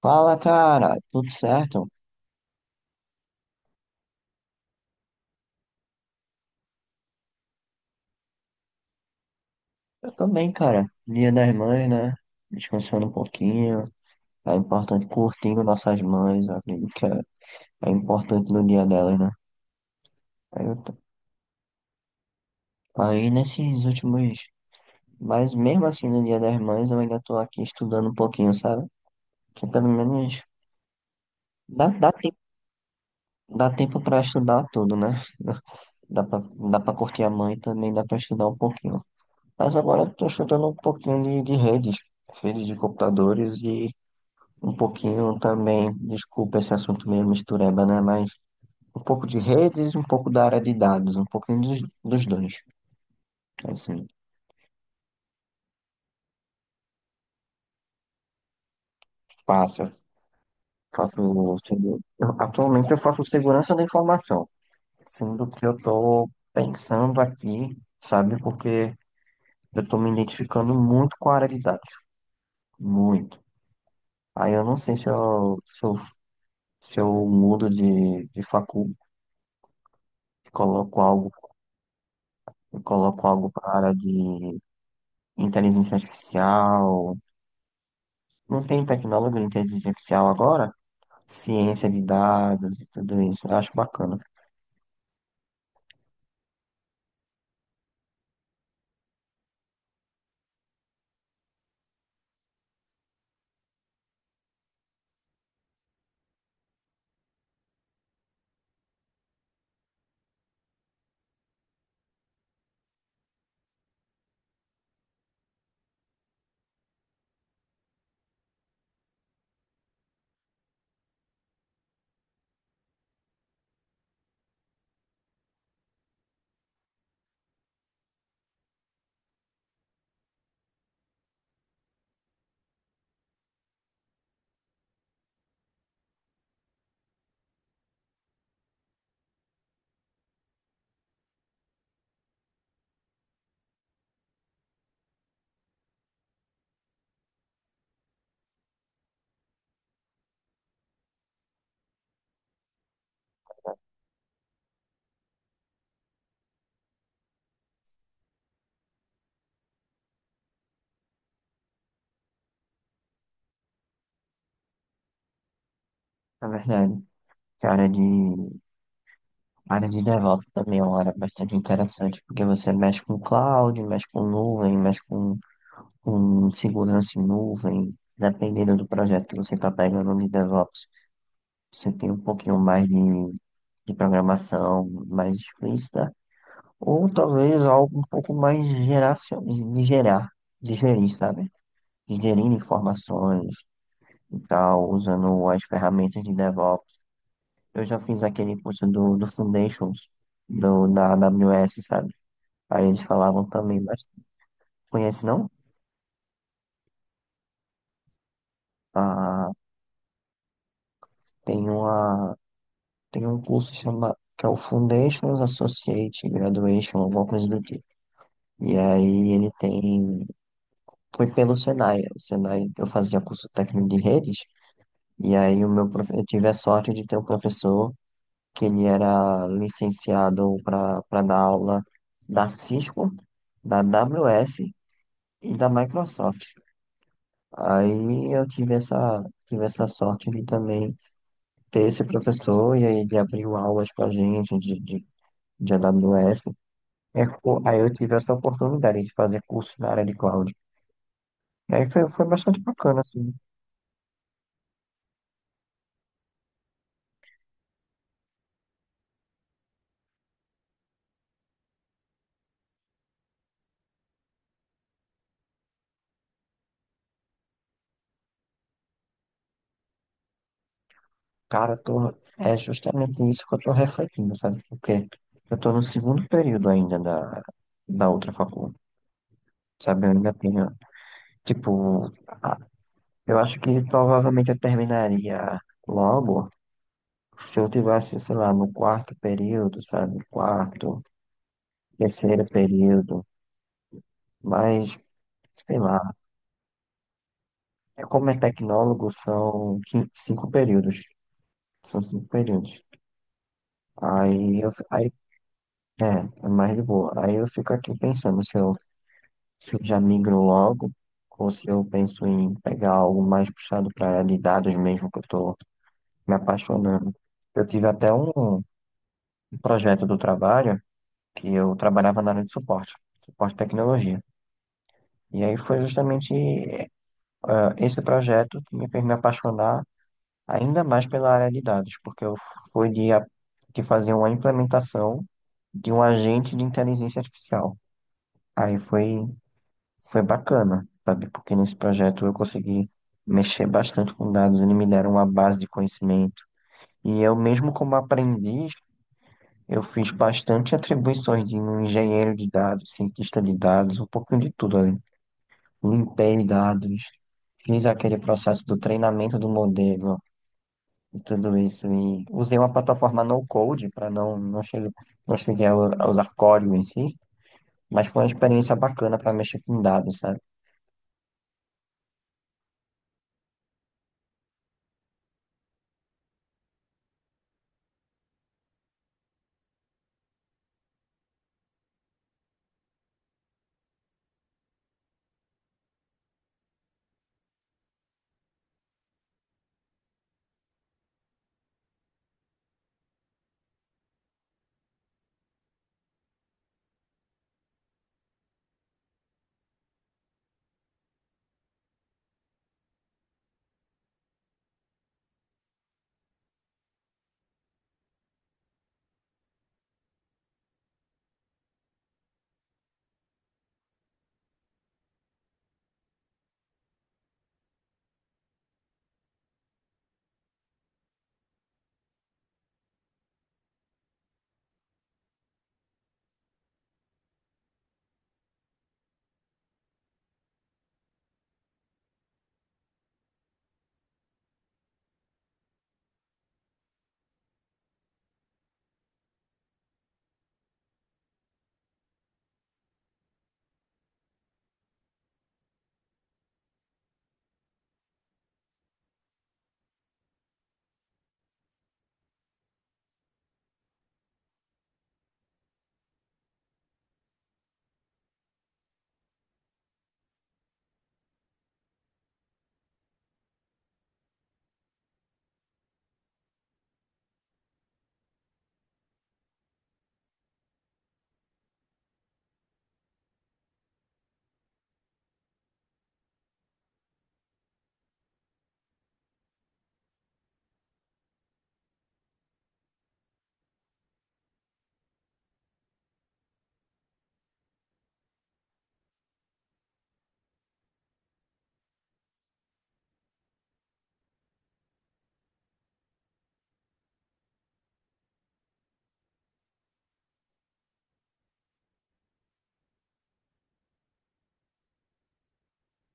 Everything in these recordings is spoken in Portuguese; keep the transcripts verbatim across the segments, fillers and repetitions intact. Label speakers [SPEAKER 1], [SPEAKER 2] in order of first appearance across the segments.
[SPEAKER 1] Fala, cara, tudo certo? Eu também, cara. Dia das mães, né? Descansando um pouquinho. É importante curtindo nossas mães, eu acredito que é, é importante no dia delas, né? Aí, eu tô- aí nesses últimos. Mas mesmo assim, no dia das mães, eu ainda tô aqui estudando um pouquinho, sabe? Que pelo menos dá, dá tempo, dá tempo pra estudar tudo, né? Dá pra, dá pra curtir a mãe e também dá pra estudar um pouquinho. Mas agora eu tô estudando um pouquinho de, de redes, redes de computadores e. Um pouquinho também, desculpa esse assunto meio mistureba, né? Mas um pouco de redes, um pouco da área de dados, um pouquinho dos, dos dois. Assim, faço, faço, segu- eu- atualmente eu faço segurança da informação, sendo que eu estou pensando aqui, sabe? Porque eu estou me identificando muito com a área de dados, muito. Aí eu não sei se eu, se eu, se eu mudo de, de facul, e coloco algo, e coloco algo para a área de inteligência artificial. Não tem tecnólogo de inteligência artificial agora? Ciência de dados e tudo isso. Eu acho bacana, na verdade. Que a área de, a área de DevOps também é uma área bastante interessante, porque você mexe com cloud, mexe com nuvem, mexe com, com segurança em nuvem. Dependendo do projeto que você está pegando de DevOps, você tem um pouquinho mais de, de programação mais explícita, ou talvez algo um pouco mais geracio- de gerar, de gerir, sabe? De gerir informações, e tal, usando as ferramentas de DevOps. Eu já fiz aquele curso do, do Foundations, do, da A W S, sabe? Aí eles falavam também, mas conhece não? Ah, tem uma, tem um curso chama, que é o Foundations Associate Graduation, alguma coisa do tipo. E aí ele tem, foi pelo Senai, o Senai eu fazia curso técnico de redes, e aí o meu, profe- eu tive a sorte de ter um professor que ele era licenciado para para dar aula da Cisco, da A W S e da Microsoft. Aí eu tive essa, tive essa sorte de também ter esse professor e aí ele abriu aulas para gente de, de, de A W S. É, pô, aí eu tive essa oportunidade de fazer curso na área de cloud. E aí foi, foi bastante bacana, assim. Cara, eu tô, é justamente isso que eu tô refletindo, sabe? Porque eu tô no segundo período ainda da, da outra faculdade. Sabe, eu ainda tenho, tipo, a- eu acho que provavelmente eu terminaria logo se eu tivesse, sei lá, no quarto período, sabe? Quarto, terceiro período, mas, sei lá, é como é tecnólogo, são quin- cinco períodos, são cinco períodos. Aí eu, fi- aí, é, é mais de boa. Aí eu fico aqui pensando se eu, se eu já migro logo, ou se eu penso em pegar algo mais puxado para área de dados mesmo que eu tô me apaixonando. Eu tive até um um projeto do trabalho que eu trabalhava na área de suporte, suporte de tecnologia. E aí foi justamente ah, esse projeto que me fez me apaixonar ainda mais pela área de dados, porque eu fui de, a- de fazer uma implementação de um agente de inteligência artificial. Aí foi, foi bacana, sabe? Porque nesse projeto eu consegui mexer bastante com dados, eles me deram uma base de conhecimento. E eu mesmo como aprendiz, eu fiz bastante atribuições de um engenheiro de dados, cientista de dados, um pouquinho de tudo ali. Limpei dados, fiz aquele processo do treinamento do modelo e tudo isso. E usei uma plataforma no-code para não, não chegar, não cheguei a u- a usar código em si, mas foi uma experiência bacana para mexer com dados, sabe?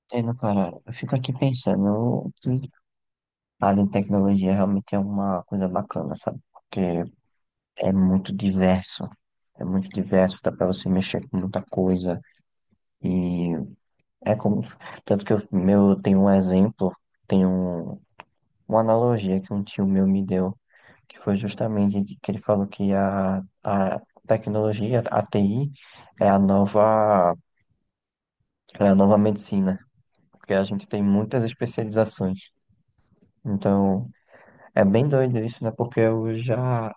[SPEAKER 1] Entendo, cara, eu fico aqui pensando que a área de tecnologia realmente é uma coisa bacana, sabe? Porque é muito diverso. É muito diverso, dá pra você mexer com muita coisa. E é como. Tanto que eu meu, tem um exemplo, tem um, uma analogia que um tio meu me deu, que foi justamente de que ele falou que a, a tecnologia, a T I, é a nova, é a nova medicina, porque a gente tem muitas especializações. Então, é bem doido isso, né? Porque eu já,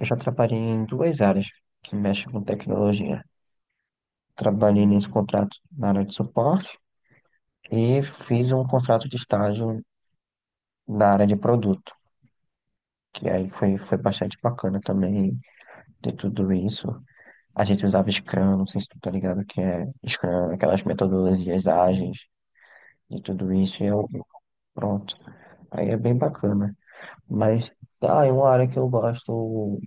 [SPEAKER 1] eu já trabalhei em duas áreas que mexem com tecnologia. Trabalhei nesse contrato na área de suporte e fiz um contrato de estágio na área de produto, que aí foi, foi bastante bacana também ter tudo isso. A gente usava Scrum, não sei se tu tá ligado que é Scrum, aquelas metodologias ágeis e tudo isso, e eu, pronto. Aí é bem bacana. Mas tá, é uma área que eu gosto,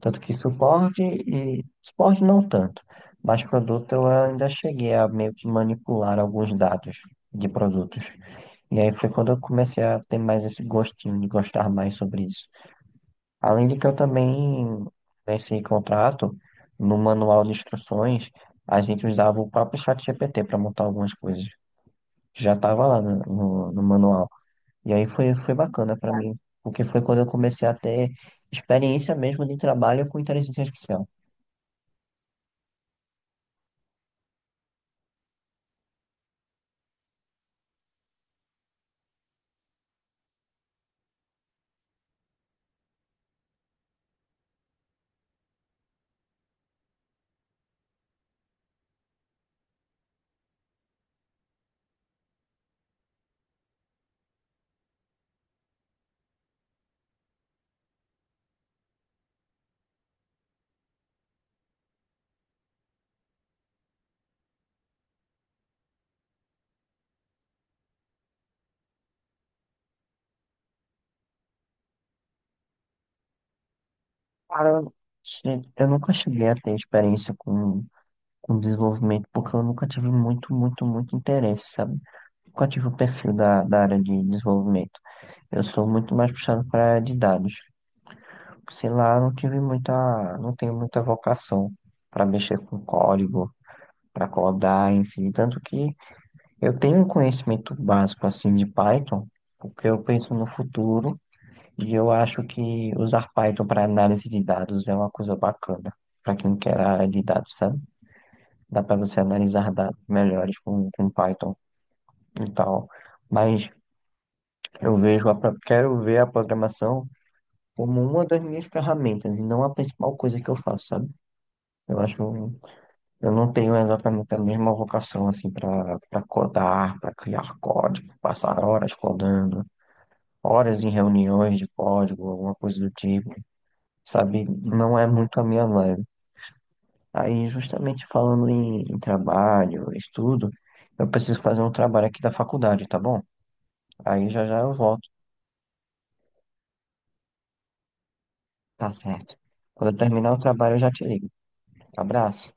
[SPEAKER 1] tanto que suporte e suporte não tanto, mas produto eu ainda cheguei a meio que manipular alguns dados de produtos. E aí foi quando eu comecei a ter mais esse gostinho de gostar mais sobre isso. Além de que eu também, nesse contrato, no manual de instruções, a gente usava o próprio chat G P T para montar algumas coisas. Já estava lá no, no, no manual. E aí foi, foi bacana para mim, porque foi quando eu comecei a ter experiência mesmo de trabalho com inteligência artificial. Cara, se- eu nunca cheguei a ter experiência com, com desenvolvimento, porque eu nunca tive muito, muito, muito interesse, sabe? Nunca tive o perfil da, da área de desenvolvimento. Eu sou muito mais puxado para a área de dados. Sei lá, não tive muita, não tenho muita vocação para mexer com código, para codar, enfim, tanto que eu tenho um conhecimento básico assim de Python, porque eu penso no futuro e eu acho que usar Python para análise de dados é uma coisa bacana. Para quem quer a área de dados, sabe? Dá para você analisar dados melhores com, com Python e tal. Mas eu vejo a, pro- quero ver a programação como uma das minhas ferramentas e não a principal coisa que eu faço, sabe? Eu acho um eu não tenho exatamente a mesma vocação assim para para codar, para criar código, passar horas codando, horas em reuniões de código, alguma coisa do tipo, sabe? Não é muito a minha vibe. Aí, justamente falando em, em trabalho, estudo, eu preciso fazer um trabalho aqui da faculdade, tá bom? Aí já já eu volto, tá certo. Quando eu terminar o trabalho, eu já te ligo. Abraço.